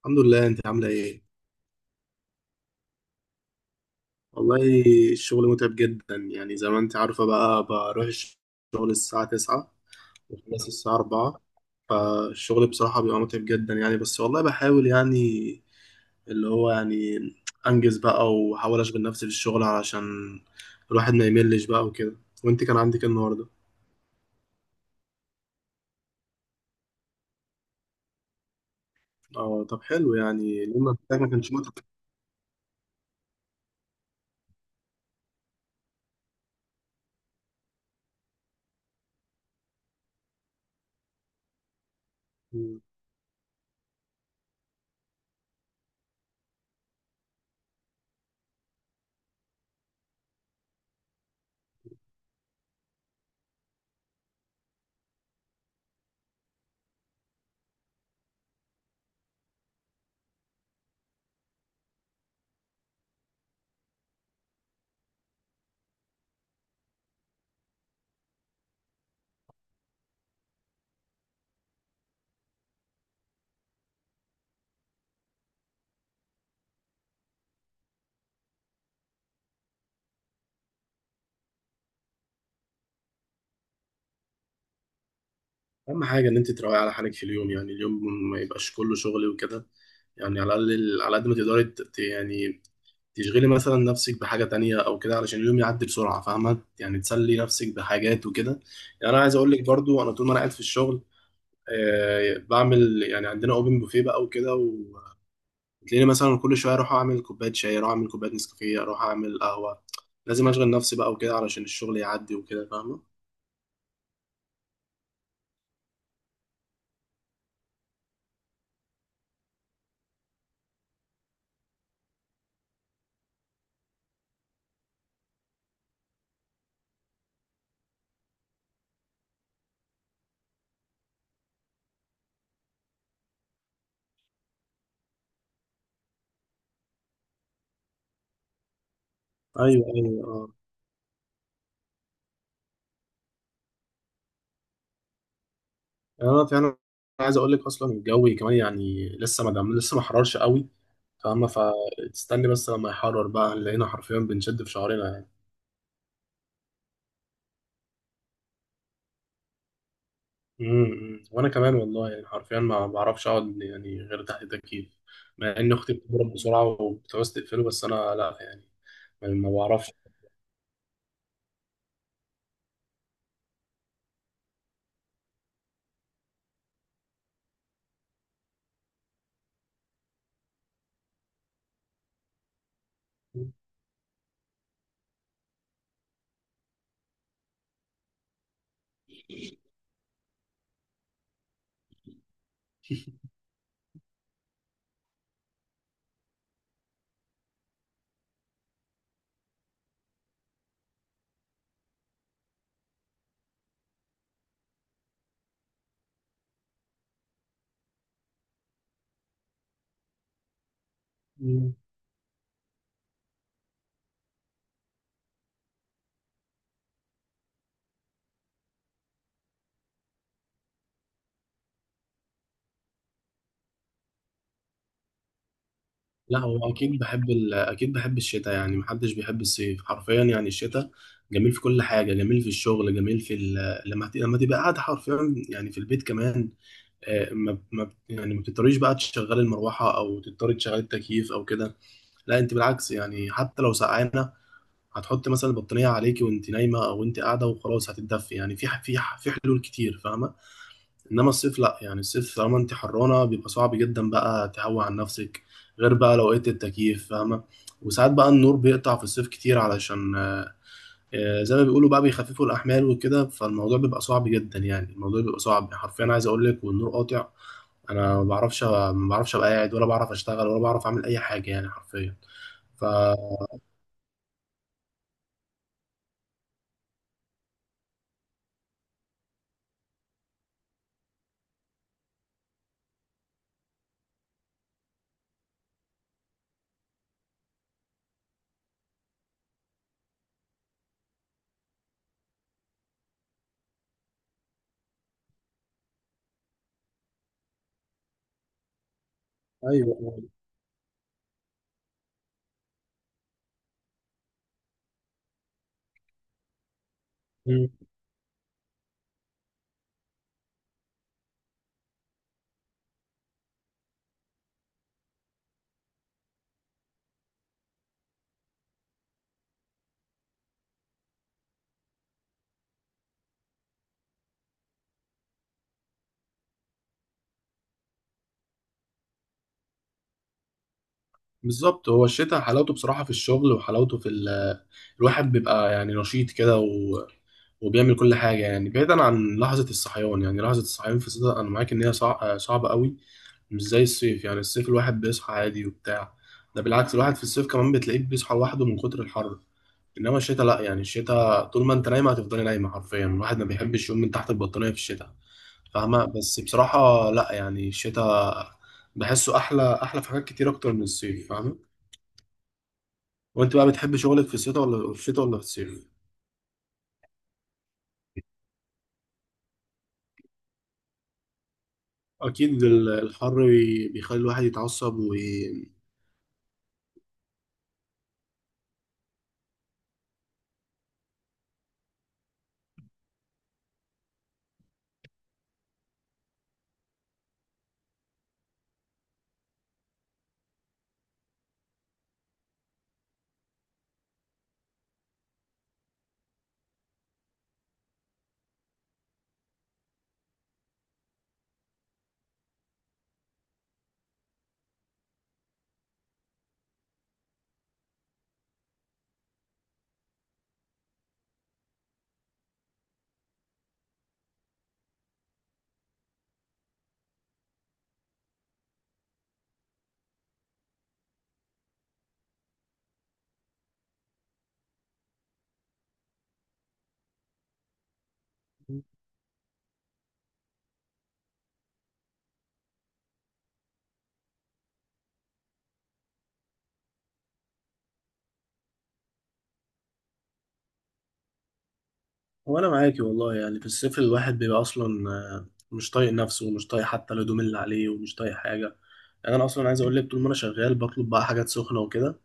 الحمد لله، انت عامله ايه؟ والله الشغل متعب جدا، يعني زي ما انت عارفه، بقى بروح الشغل الساعه 9 وخلص الساعه 4. فالشغل بصراحه بيبقى متعب جدا يعني، بس والله بحاول يعني، اللي هو يعني انجز بقى واحاول اشغل نفسي في الشغل علشان الواحد ما يملش بقى وكده. وانت كان عندك ايه النهارده؟ اه طب حلو، يعني لما بتاعك ما كانش متعب. اهم حاجه ان انت تراعي على حالك في اليوم، يعني اليوم ما يبقاش كله شغل وكده. يعني على الاقل على قد ما تقدري يعني تشغلي مثلا نفسك بحاجه تانية او كده، علشان اليوم يعدي بسرعه، فاهمه؟ يعني تسلي نفسك بحاجات وكده. يعني انا عايز اقول لك برضو، انا طول ما انا قاعد في الشغل بعمل يعني، عندنا اوبن بوفيه بقى وكده، وتلاقيني مثلا كل شويه اروح اعمل كوبايه شاي، اروح اعمل كوبايه نسكافيه، اروح اعمل قهوه. لازم اشغل نفسي بقى وكده علشان الشغل يعدي وكده، فاهمه؟ ايوه ايوه. اه فعلا، انا عايز اقول لك اصلا الجو كمان يعني، لسه ما دام لسه ما حررش قوي، فاما فتستني بس لما يحرر بقى، لقينا حرفيا بنشد في شعرنا يعني. وانا كمان والله، يعني حرفيا ما بعرفش اقعد يعني غير تحت التكييف، مع ان اختي بتضرب بسرعه وبتعوز تقفله، بس انا لا يعني، يعني ما بعرفش. مم. لا هو اكيد بحب اكيد بحب الشتاء، يعني محدش بيحب الصيف حرفيا. يعني الشتاء جميل في كل حاجه، جميل في الشغل، جميل في لما تبقى قاعد حرفيا يعني في البيت كمان. ما يعني ما بتضطريش بقى تشغلي المروحه، او تضطري تشغلي التكييف او كده. لا انت بالعكس، يعني حتى لو سقعانه، هتحط مثلا البطانيه عليكي وانت نايمه، او انت قاعده وخلاص هتتدفي. يعني في حلول كتير، فاهمه؟ انما الصيف لا، يعني الصيف طالما انت حرانه بيبقى صعب جدا بقى تهوي عن نفسك، غير بقى لو لقيت التكييف، فاهمه؟ وساعات بقى النور بيقطع في الصيف كتير، علشان زي ما بيقولوا بقى بيخففوا الاحمال وكده. فالموضوع بيبقى صعب جدا، يعني الموضوع بيبقى صعب حرفيا، عايز اقول لك، والنور قاطع، انا ما بعرفش، ما بعرفش ابقى قاعد، ولا بعرف اشتغل، ولا بعرف اعمل اي حاجه يعني حرفيا. فا ايوه. مم. بالظبط، هو الشتاء حلاوته بصراحه في الشغل، وحلاوته في الواحد بيبقى يعني نشيط كده وبيعمل كل حاجه، يعني بعيدا عن لحظه الصحيان. يعني لحظه الصحيان في الشتاء انا معاك ان هي صعبه قوي، مش زي الصيف. يعني الصيف الواحد بيصحى عادي وبتاع، ده بالعكس الواحد في الصيف كمان بتلاقيه بيصحى لوحده من كتر الحر. انما الشتاء لا، يعني الشتاء طول ما انت نايمه هتفضلي نايمه حرفيا، الواحد ما بيحبش يقوم من تحت البطانيه في الشتاء، فاهمه؟ بس بصراحه لا، يعني الشتاء بحسه احلى، احلى في حاجات كتير اكتر من الصيف، فاهمه؟ وانت بقى بتحب شغلك في الشتاء ولا في الشتاء ولا في الصيف؟ اكيد الحر بيخلي الواحد يتعصب وانا معاكي والله، يعني في الصيف الواحد بيبقى اصلا مش طايق نفسه، ومش طايق حتى الهدوم اللي عليه، ومش طايق حاجه. يعني انا اصلا عايز اقول لك، طول ما انا شغال بطلب بقى حاجات سخنه وكده.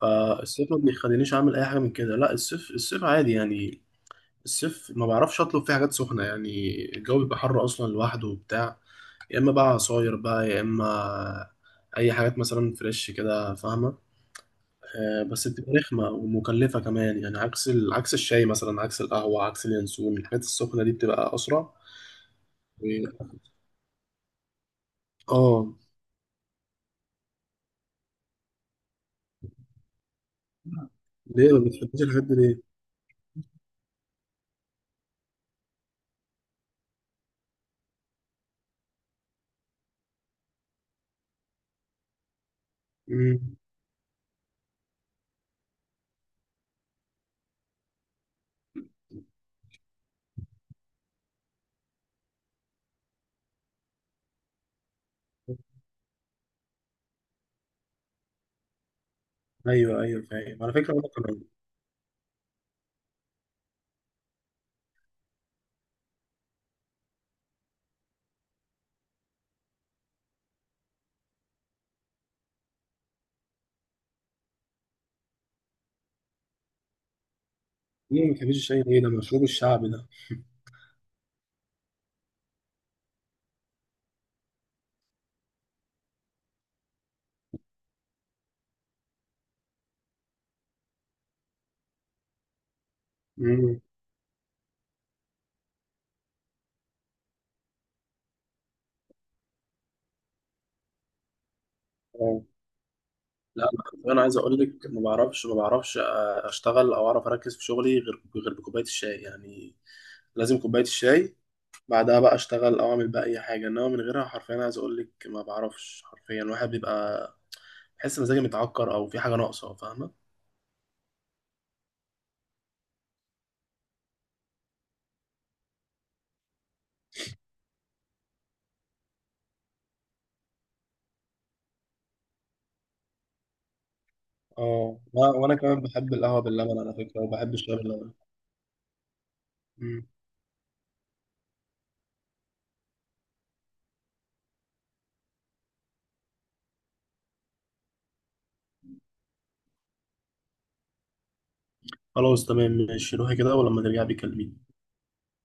فالصيف ما بيخلينيش اعمل اي حاجه من كده. لا الصيف، الصيف عادي يعني. الصيف ما بعرفش اطلب فيه حاجات سخنه، يعني الجو بيبقى حر اصلا لوحده وبتاع. يا اما بقى عصاير بقى، يا اما اي حاجات مثلا فريش كده، فاهمه؟ بس بتبقى رخمة ومكلفة كمان، يعني عكس عكس الشاي مثلا، عكس القهوة، عكس اليانسون. الحاجات السخنة دي بتبقى أسرع و... اه. ليه ما بتحبيش الحاجات دي ليه؟ مم. أيوه أيوه، فاهم، على فكرة أنا كمان. ليه ما بتحبيش الشاي ليه؟ ده مشروب الشعب ده. مم. اه لا، أنا أنا عايز أقول لك ما بعرفش، ما بعرفش أشتغل أو أعرف أركز في شغلي غير، غير بكوباية الشاي يعني. لازم كوباية الشاي، بعدها بقى اشتغل او اعمل بقى اي حاجه. انما من غيرها حرفيا، عايز اقول لك، ما بعرفش حرفيا، الواحد بيبقى بحس مزاجي متعكر، او في حاجه ناقصه، فاهمه؟ اه لا، وانا كمان بحب القهوه باللبن على فكره، وبحب الشاي باللبن. مم. خلاص تمام، ماشي روحي كده ولما ترجعي بيكلميني.